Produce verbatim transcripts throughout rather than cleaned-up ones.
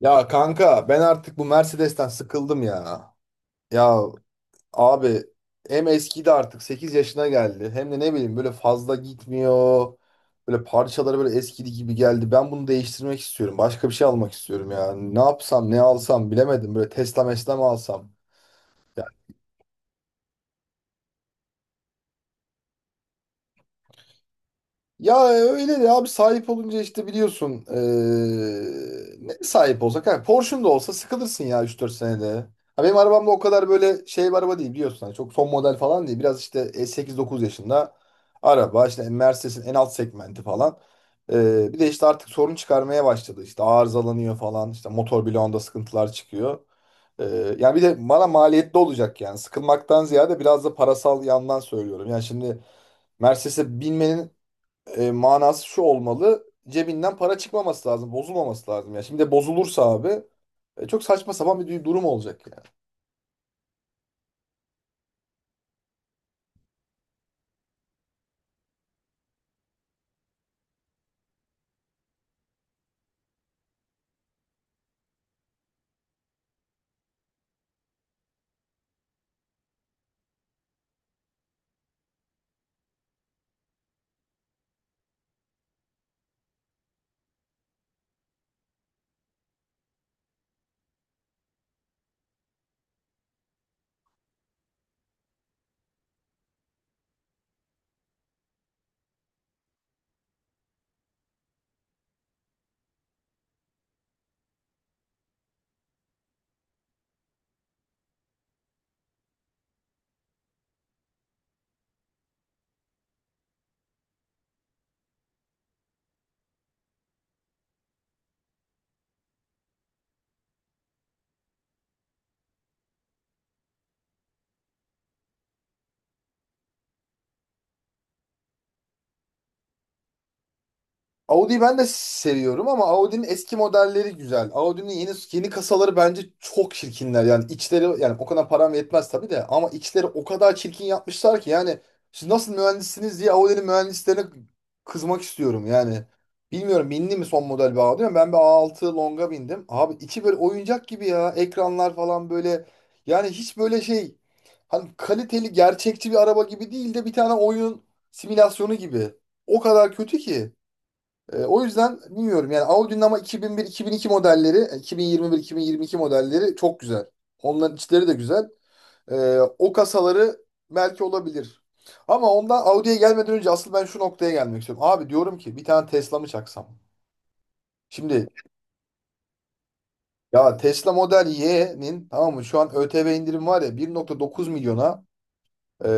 Ya kanka ben artık bu Mercedes'ten sıkıldım ya. Ya abi, hem eskidi artık sekiz yaşına geldi. Hem de ne bileyim, böyle fazla gitmiyor. Böyle parçaları böyle eskidi gibi geldi. Ben bunu değiştirmek istiyorum. Başka bir şey almak istiyorum ya. Ne yapsam ne alsam bilemedim. Böyle Tesla mesla mı alsam? Ya e, öyle de abi, sahip olunca işte biliyorsun eee, ne sahip olsak, ha Porsche'un da olsa sıkılırsın ya, üç dört senede. Ha, benim arabam da o kadar böyle şey bir araba değil biliyorsun. Hani çok son model falan değil. Biraz işte sekiz dokuz yaşında araba işte, Mercedes'in en alt segmenti falan. Eee, bir de işte artık sorun çıkarmaya başladı. İşte arızalanıyor falan. İşte motor bloğunda sıkıntılar çıkıyor. Eee, yani bir de bana maliyetli olacak yani. Sıkılmaktan ziyade biraz da parasal yandan söylüyorum. Yani şimdi Mercedes'e binmenin e, manası şu olmalı. Cebinden para çıkmaması lazım, bozulmaması lazım. Ya şimdi bozulursa abi, e, çok saçma sapan bir durum olacak yani. Audi'yi ben de seviyorum ama Audi'nin eski modelleri güzel. Audi'nin yeni yeni kasaları bence çok çirkinler. Yani içleri, yani o kadar param yetmez tabii de ama içleri o kadar çirkin yapmışlar ki yani siz nasıl mühendissiniz diye Audi'nin mühendislerine kızmak istiyorum yani. Bilmiyorum bindi mi son model bir Audi ama ben bir A altı Long'a bindim. Abi içi böyle oyuncak gibi ya. Ekranlar falan böyle, yani hiç böyle şey, hani kaliteli gerçekçi bir araba gibi değil de bir tane oyun simülasyonu gibi. O kadar kötü ki. E, o yüzden bilmiyorum yani Audi'nin, ama iki bin bir-iki bin iki modelleri, iki bin yirmi bir-iki bin yirmi iki modelleri çok güzel. Onların içleri de güzel. E, o kasaları belki olabilir. Ama ondan Audi'ye gelmeden önce asıl ben şu noktaya gelmek istiyorum. Abi, diyorum ki bir tane Tesla mı çaksam? Şimdi, ya Tesla Model Y'nin, tamam mı, şu an ÖTV indirim var ya, bir nokta dokuz milyona, e,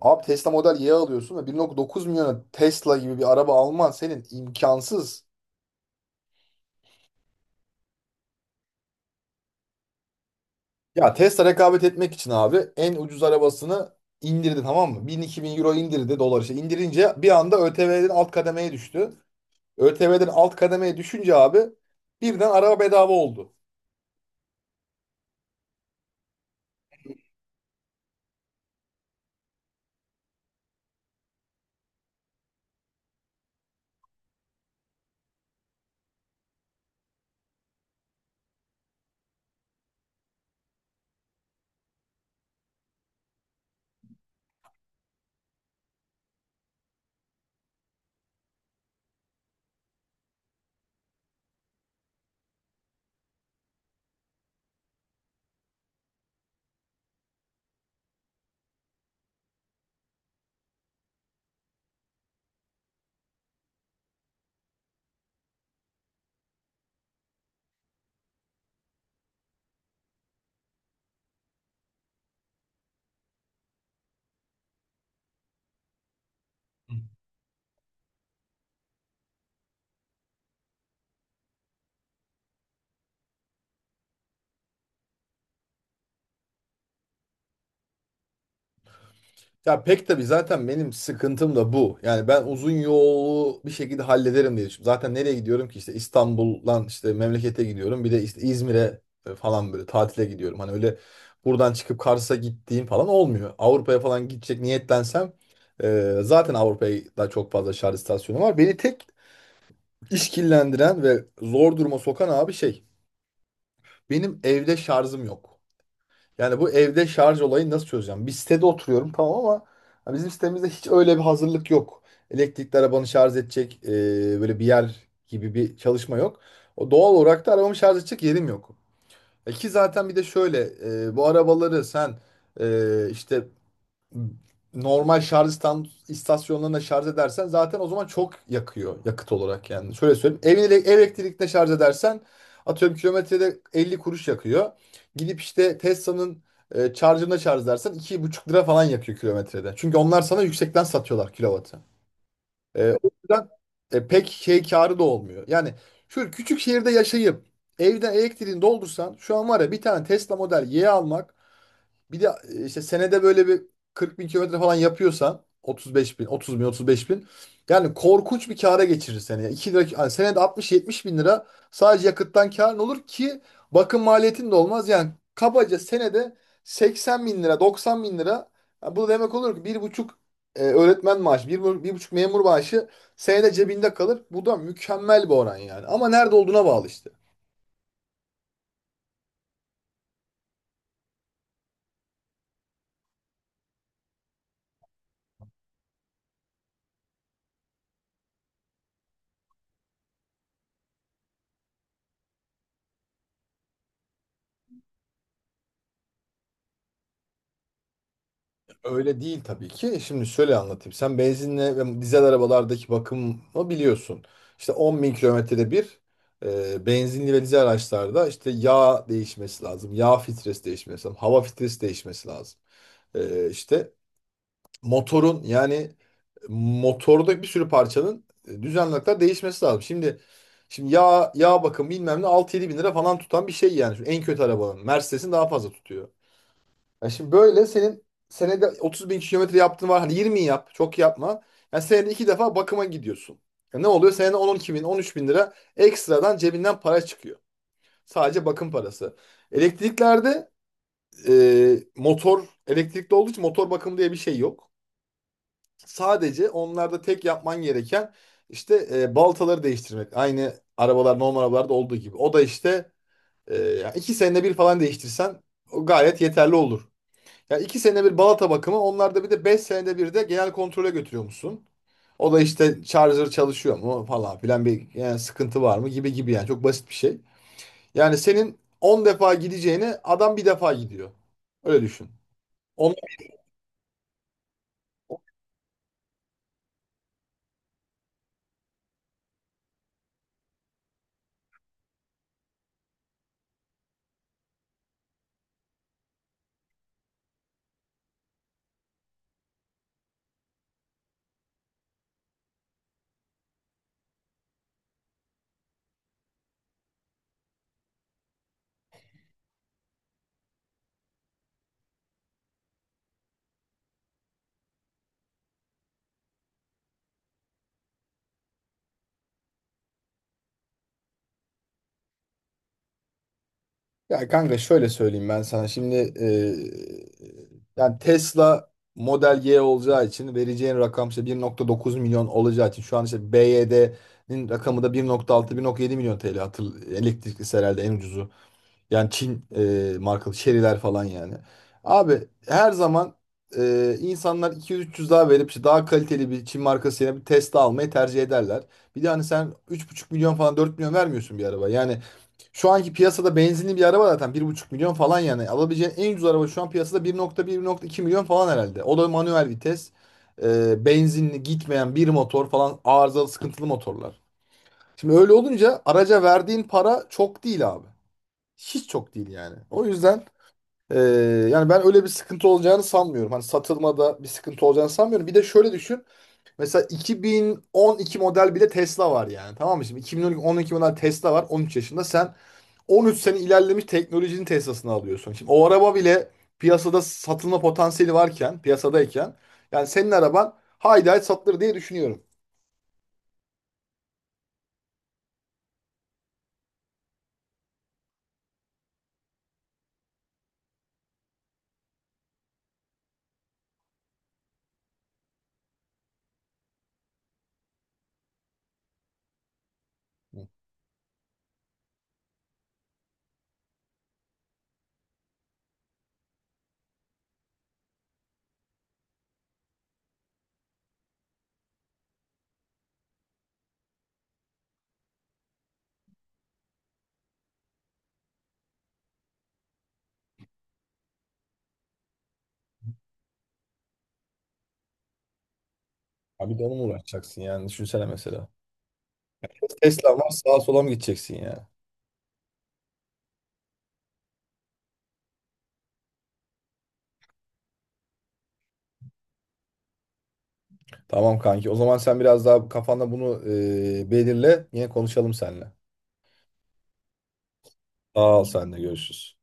abi Tesla Model Y alıyorsun ve bir nokta dokuz milyona Tesla gibi bir araba alman senin imkansız. Ya Tesla rekabet etmek için abi en ucuz arabasını indirdi, tamam mı? bin-iki bin euro indirdi, dolar işte. İndirince bir anda ÖTV'den alt kademeye düştü. ÖTV'den alt kademeye düşünce abi birden araba bedava oldu. Ya pek tabii zaten benim sıkıntım da bu. Yani ben uzun yolu bir şekilde hallederim diye düşünüyorum. Zaten nereye gidiyorum ki, işte İstanbul'dan işte memlekete gidiyorum. Bir de işte İzmir'e e, falan böyle tatile gidiyorum. Hani öyle buradan çıkıp Kars'a gittiğim falan olmuyor. Avrupa'ya falan gidecek niyetlensem e, zaten Avrupa'ya da çok fazla şarj istasyonu var. Beni tek işkillendiren ve zor duruma sokan abi şey, benim evde şarjım yok. Yani bu evde şarj olayını nasıl çözeceğim? Bir sitede oturuyorum tamam, ama ya bizim sitemizde hiç öyle bir hazırlık yok. Elektrikli arabanı şarj edecek e, böyle bir yer gibi bir çalışma yok. O doğal olarak da arabamı şarj edecek yerim yok. E ki zaten, bir de şöyle, e, bu arabaları sen e, işte normal şarj istan- istasyonlarına şarj edersen zaten o zaman çok yakıyor yakıt olarak yani. Şöyle söyleyeyim. Ev, ele- ev elektrikle şarj edersen atıyorum kilometrede elli kuruş yakıyor. Gidip işte Tesla'nın e, şarjına şarj edersen iki buçuk lira falan yakıyor kilometrede. Çünkü onlar sana yüksekten satıyorlar kilovatı. E, o yüzden e, pek şey karı da olmuyor. Yani şu küçük şehirde yaşayıp evden elektriğini doldursan, şu an var ya, bir tane Tesla Model Y almak, bir de e, işte senede böyle bir kırk bin kilometre falan yapıyorsan, otuz beş bin, otuz bin, otuz beş bin. Yani korkunç bir kâra geçirir seni. Yani iki lira, yani senede altmış yetmiş bin lira sadece yakıttan kârın olur ki bakım maliyetin de olmaz. Yani kabaca senede seksen bin lira, doksan bin lira. Yani bu demek olur ki bir buçuk e, öğretmen maaşı, bir, bu- bir buçuk memur maaşı senede cebinde kalır. Bu da mükemmel bir oran yani. Ama nerede olduğuna bağlı işte. Öyle değil tabii ki. Şimdi şöyle anlatayım. Sen benzinle ve dizel arabalardaki bakımı biliyorsun. İşte on bin kilometrede bir e, benzinli ve dizel araçlarda işte yağ değişmesi lazım. Yağ filtresi değişmesi lazım. Hava filtresi değişmesi lazım. E, işte motorun, yani motorda bir sürü parçanın e, düzenli olarak değişmesi lazım. Şimdi şimdi yağ, yağ bakımı bilmem ne altı yedi bin lira falan tutan bir şey yani. Şu en kötü arabanın. Mercedes'in daha fazla tutuyor. Ya şimdi böyle senin senede otuz bin kilometre yaptığın var. Hadi yirmi yap. Çok yapma. Yani senede iki defa bakıma gidiyorsun. Ya ne oluyor? Senede on on iki bin, on üç bin lira ekstradan cebinden para çıkıyor. Sadece bakım parası. Elektriklerde e, motor elektrikli olduğu için motor bakım diye bir şey yok. Sadece onlarda tek yapman gereken işte e, baltaları değiştirmek. Aynı arabalar normal arabalarda olduğu gibi. O da işte e, yani iki senede bir falan değiştirsen o gayet yeterli olur. Ya iki senede bir balata bakımı, onlarda bir de beş senede bir de genel kontrole götürüyormuşsun. O da işte charger çalışıyor mu falan filan, bir yani sıkıntı var mı gibi gibi, yani çok basit bir şey. Yani senin on defa gideceğini adam bir defa gidiyor. Öyle düşün. On... Ya kanka şöyle söyleyeyim ben sana. Şimdi eee, yani Tesla Model Y olacağı için vereceğin rakam işte bir nokta dokuz milyon olacağı için, şu an işte B Y D'nin rakamı da bir nokta altı-bir nokta yedi milyon T L, hatırl elektrikli herhalde en ucuzu. Yani Çin e, markalı şeriler falan yani. Abi her zaman e, insanlar iki yüz üç yüz daha verip işte daha kaliteli bir Çin markası yerine bir Tesla almayı tercih ederler. Bir de hani sen üç buçuk milyon falan dört milyon vermiyorsun bir araba. Yani şu anki piyasada benzinli bir araba zaten bir buçuk milyon falan yani. Alabileceğin en ucuz araba şu an piyasada bir nokta bir-bir nokta iki milyon falan herhalde. O da manuel vites. E, benzinli gitmeyen bir motor falan, arızalı sıkıntılı motorlar. Şimdi öyle olunca araca verdiğin para çok değil abi. Hiç çok değil yani. O yüzden e, yani ben öyle bir sıkıntı olacağını sanmıyorum. Hani satılmada bir sıkıntı olacağını sanmıyorum. Bir de şöyle düşün. Mesela iki bin on iki model bile Tesla var yani. Tamam mı? Şimdi iki bin on iki model Tesla var. on üç yaşında. Sen on üç sene ilerlemiş teknolojinin Tesla'sını alıyorsun. Şimdi o araba bile piyasada satılma potansiyeli varken, piyasadayken, yani senin araban haydi haydi satılır diye düşünüyorum. Hı. Abi de onunla uğraşacaksın yani, düşünsene mesela. Tesla var, sağa sola mı gideceksin yani? Tamam kanki, o zaman sen biraz daha kafanda bunu e, belirle, yine konuşalım seninle. Sağ ol, sen de görüşürüz.